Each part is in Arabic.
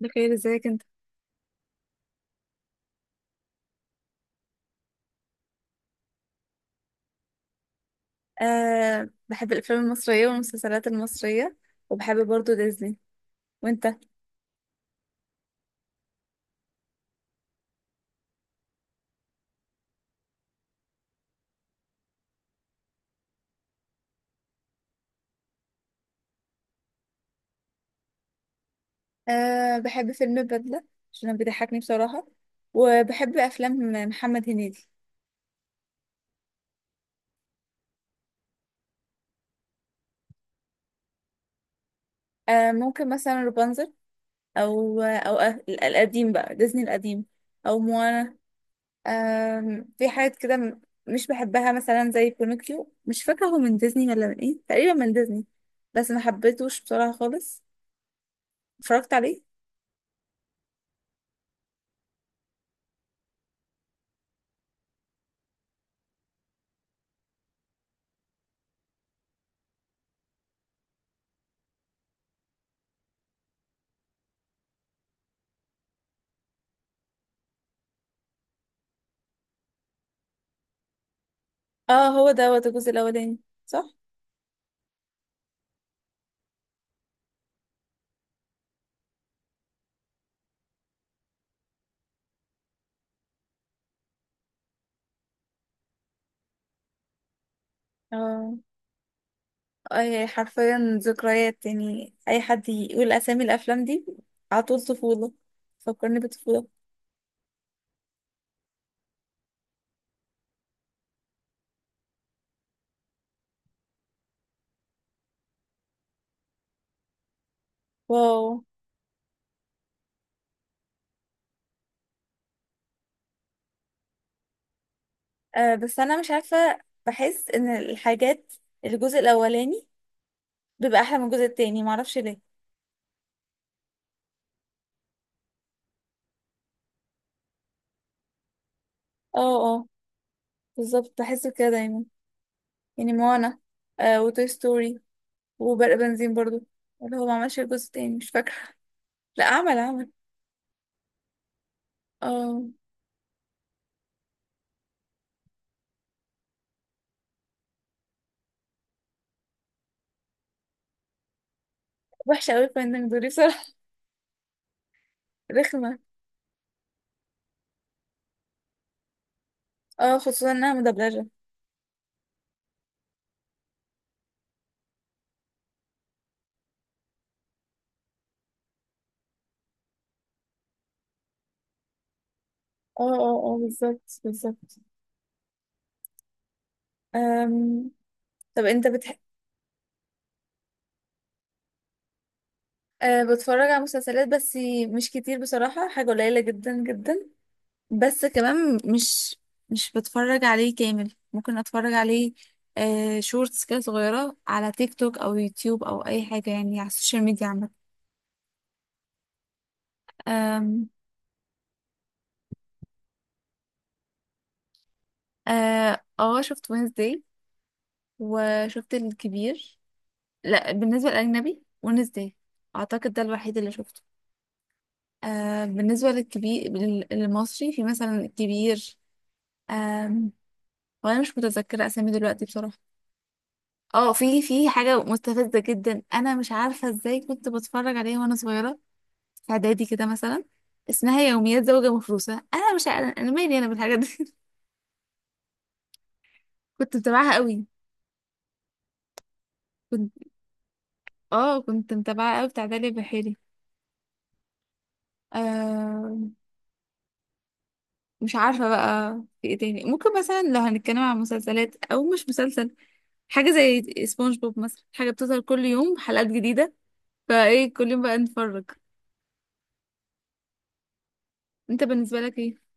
بخير، ازيك انت؟ أه، بحب الافلام المصريه والمسلسلات المصريه. وبحب برضو ديزني. وانت؟ أه، بحب فيلم البدله عشان بيضحكني بصراحه. وبحب افلام محمد هنيدي. أه، ممكن مثلا رابنزل، او القديم بقى، ديزني القديم، او موانا. في حاجات كده، مش بحبها، مثلا زي بينوكيو. مش فاكره هو من ديزني ولا من ايه، تقريبا من ديزني. بس ما حبيتهوش بصراحه خالص. اتفرجت عليه. اه، هو دوت الجزء الاولاني. صح. اه، أي، حرفيا ذكريات. يعني اي حد يقول اسامي الافلام دي، على طول طفوله. فكرني بطفوله. واو. آه بس انا مش عارفه، بحس ان الحاجات، الجزء الاولاني بيبقى احلى من الجزء التاني، معرفش ليه. اه، اه، بالظبط، بحس كده دايما. يعني موانا، آه، وتوي ستوري، وبرق بنزين برضو، اللي هو ما عملش الجزء التاني، مش فاكره. لا، عمل، عمل. اه، وحشه قوي الفنانين دول بصراحه. رخمه. اه، خصوصا انها مدبلجه. اه، اه، اه، بالظبط، بالظبط. أم... طب، انت بتح... أه، بتفرج على مسلسلات بس. مش كتير بصراحة، حاجة قليلة جدا جدا. بس كمان مش بتفرج عليه كامل، ممكن اتفرج عليه أه شورتس كده صغيرة على تيك توك او يوتيوب او اي حاجة، يعني على السوشيال ميديا عامة. أم... اه، شفت وينزداي وشفت الكبير. لا، بالنسبة للأجنبي وينزداي اعتقد ده الوحيد اللي شفته. آه، بالنسبة للكبير، للمصري، في مثلا الكبير. آم، وانا مش متذكرة اسامي دلوقتي بصراحة. اه، في حاجة مستفزة جدا، انا مش عارفة ازاي كنت بتفرج عليها وانا صغيرة. في اعدادي كده مثلا، اسمها يوميات زوجة مفروسة. انا مش عارفة انا مالي انا بالحاجات دي. كنت متابعها قوي. كنت اه كنت متابعها قوي، بتاع داليا بحيري. آه، مش عارفة بقى، في ايه تاني ممكن، مثلا لو هنتكلم عن مسلسلات او مش مسلسل، حاجة زي سبونج بوب مثلا، حاجة بتظهر كل يوم حلقات جديدة، فايه كل يوم بقى نتفرج. انت بالنسبة لك ايه؟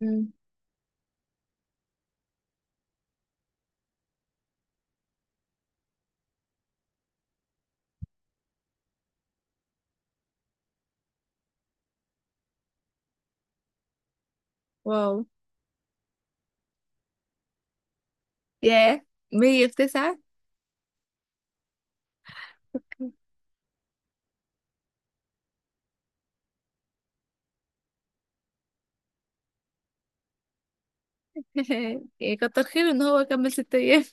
مم. واو. ياه، 100 في تسعة. إيه، كتر خيره ان هو كمل 6 ايام.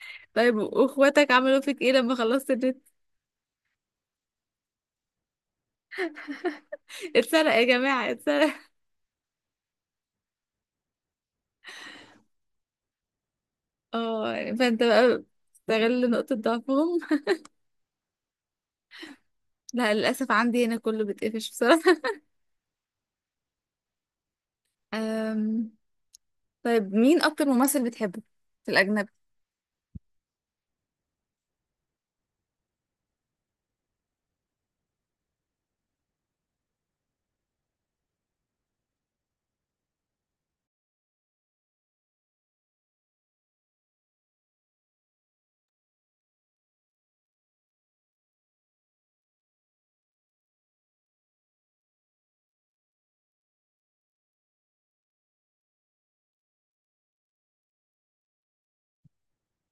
طيب، واخواتك عملوا فيك ايه لما خلصت النت؟ اتسرق يا جماعة، اتسرق. اه، يعني فانت بقى استغل نقطة ضعفهم. لا، للأسف عندي هنا كله بيتقفش بصراحة. أم... طيب، مين أكتر ممثل بتحبه في الأجنبي؟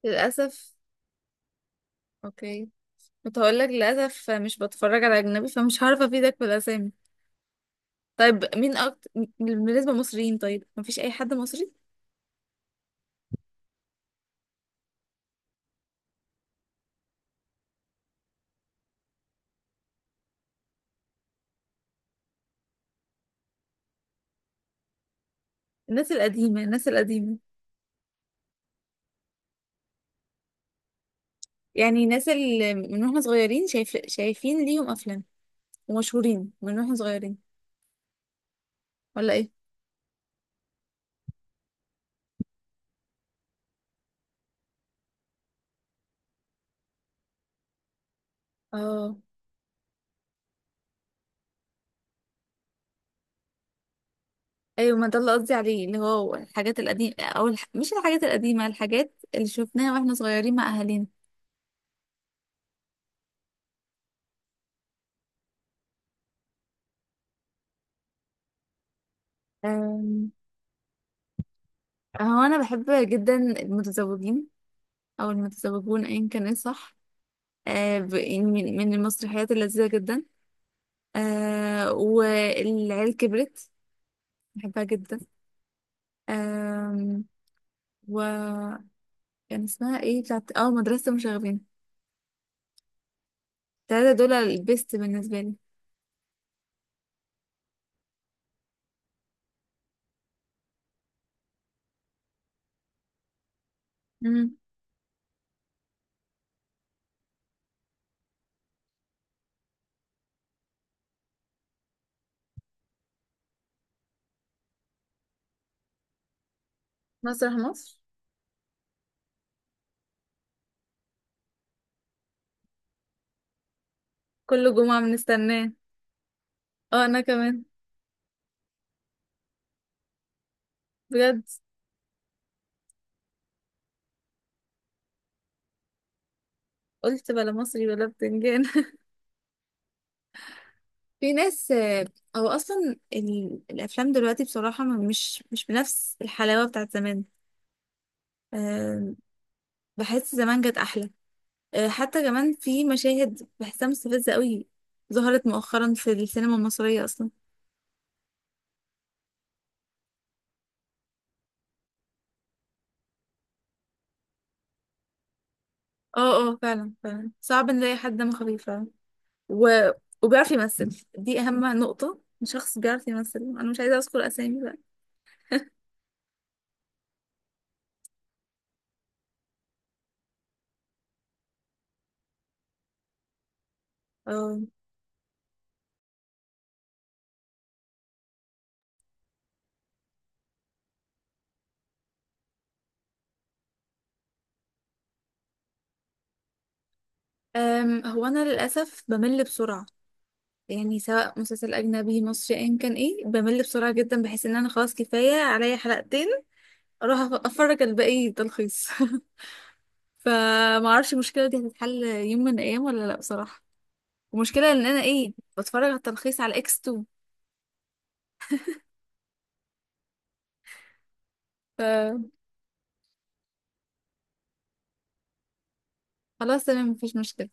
للأسف، اوكي، كنت هقول لك للاسف مش بتفرج على اجنبي، فمش هعرف افيدك بالاسامي. طيب، مين اكتر بالنسبه للمصريين؟ طيب، مفيش اي حد مصري؟ الناس القديمه، الناس القديمه. يعني الناس اللي من واحنا صغيرين، شايفين ليهم افلام، ومشهورين من واحنا صغيرين، ولا ايه؟ اه، ايوه، ما ده اللي قصدي عليه، اللي هو الحاجات القديمه او الح... مش الحاجات القديمه، الحاجات اللي شفناها واحنا صغيرين مع اهالينا. أم، هو انا بحب جدا المتزوجين، او المتزوجون ايا كان ايه صح، يعني من المسرحيات اللذيذة جدا، والعيال كبرت، بحبها جدا. آم، و كان اسمها ايه بتاعت، مدرسة مشاغبين. التلاتة دول البيست بالنسبة لي. مم. مسرح مصر. كل جمعة بنستناه. اه، انا كمان. بجد. قلت بلا مصري بلا بتنجان. في ناس، هو اصلا الافلام دلوقتي بصراحة، مش بنفس الحلاوة بتاعت زمان. آم، بحس زمان جت احلى. حتى كمان في مشاهد بحسها مستفزة قوي، ظهرت مؤخرا في السينما المصرية أصلا. اه، اه، فعلا، فعلا صعب نلاقي حد دمه خفيف فعلا. و... وبيعرف يمثل، دي أهم نقطة، شخص بيعرف يمثل. أنا مش عايزة أذكر أسامي بقى. اه. هو أنا للأسف بمل بسرعة، يعني سواء مسلسل أجنبي مصري أيا كان إيه، بمل بسرعة جدا، بحس إن أنا خلاص كفاية عليا حلقتين، أروح أفرج الباقي تلخيص. فمعرفش المشكلة دي هتتحل يوم من الأيام ولا لأ بصراحة. ومشكلة ان انا ايه، بتفرج على التلخيص على اكس 2. فخلاص، تمام، مفيش مشكلة.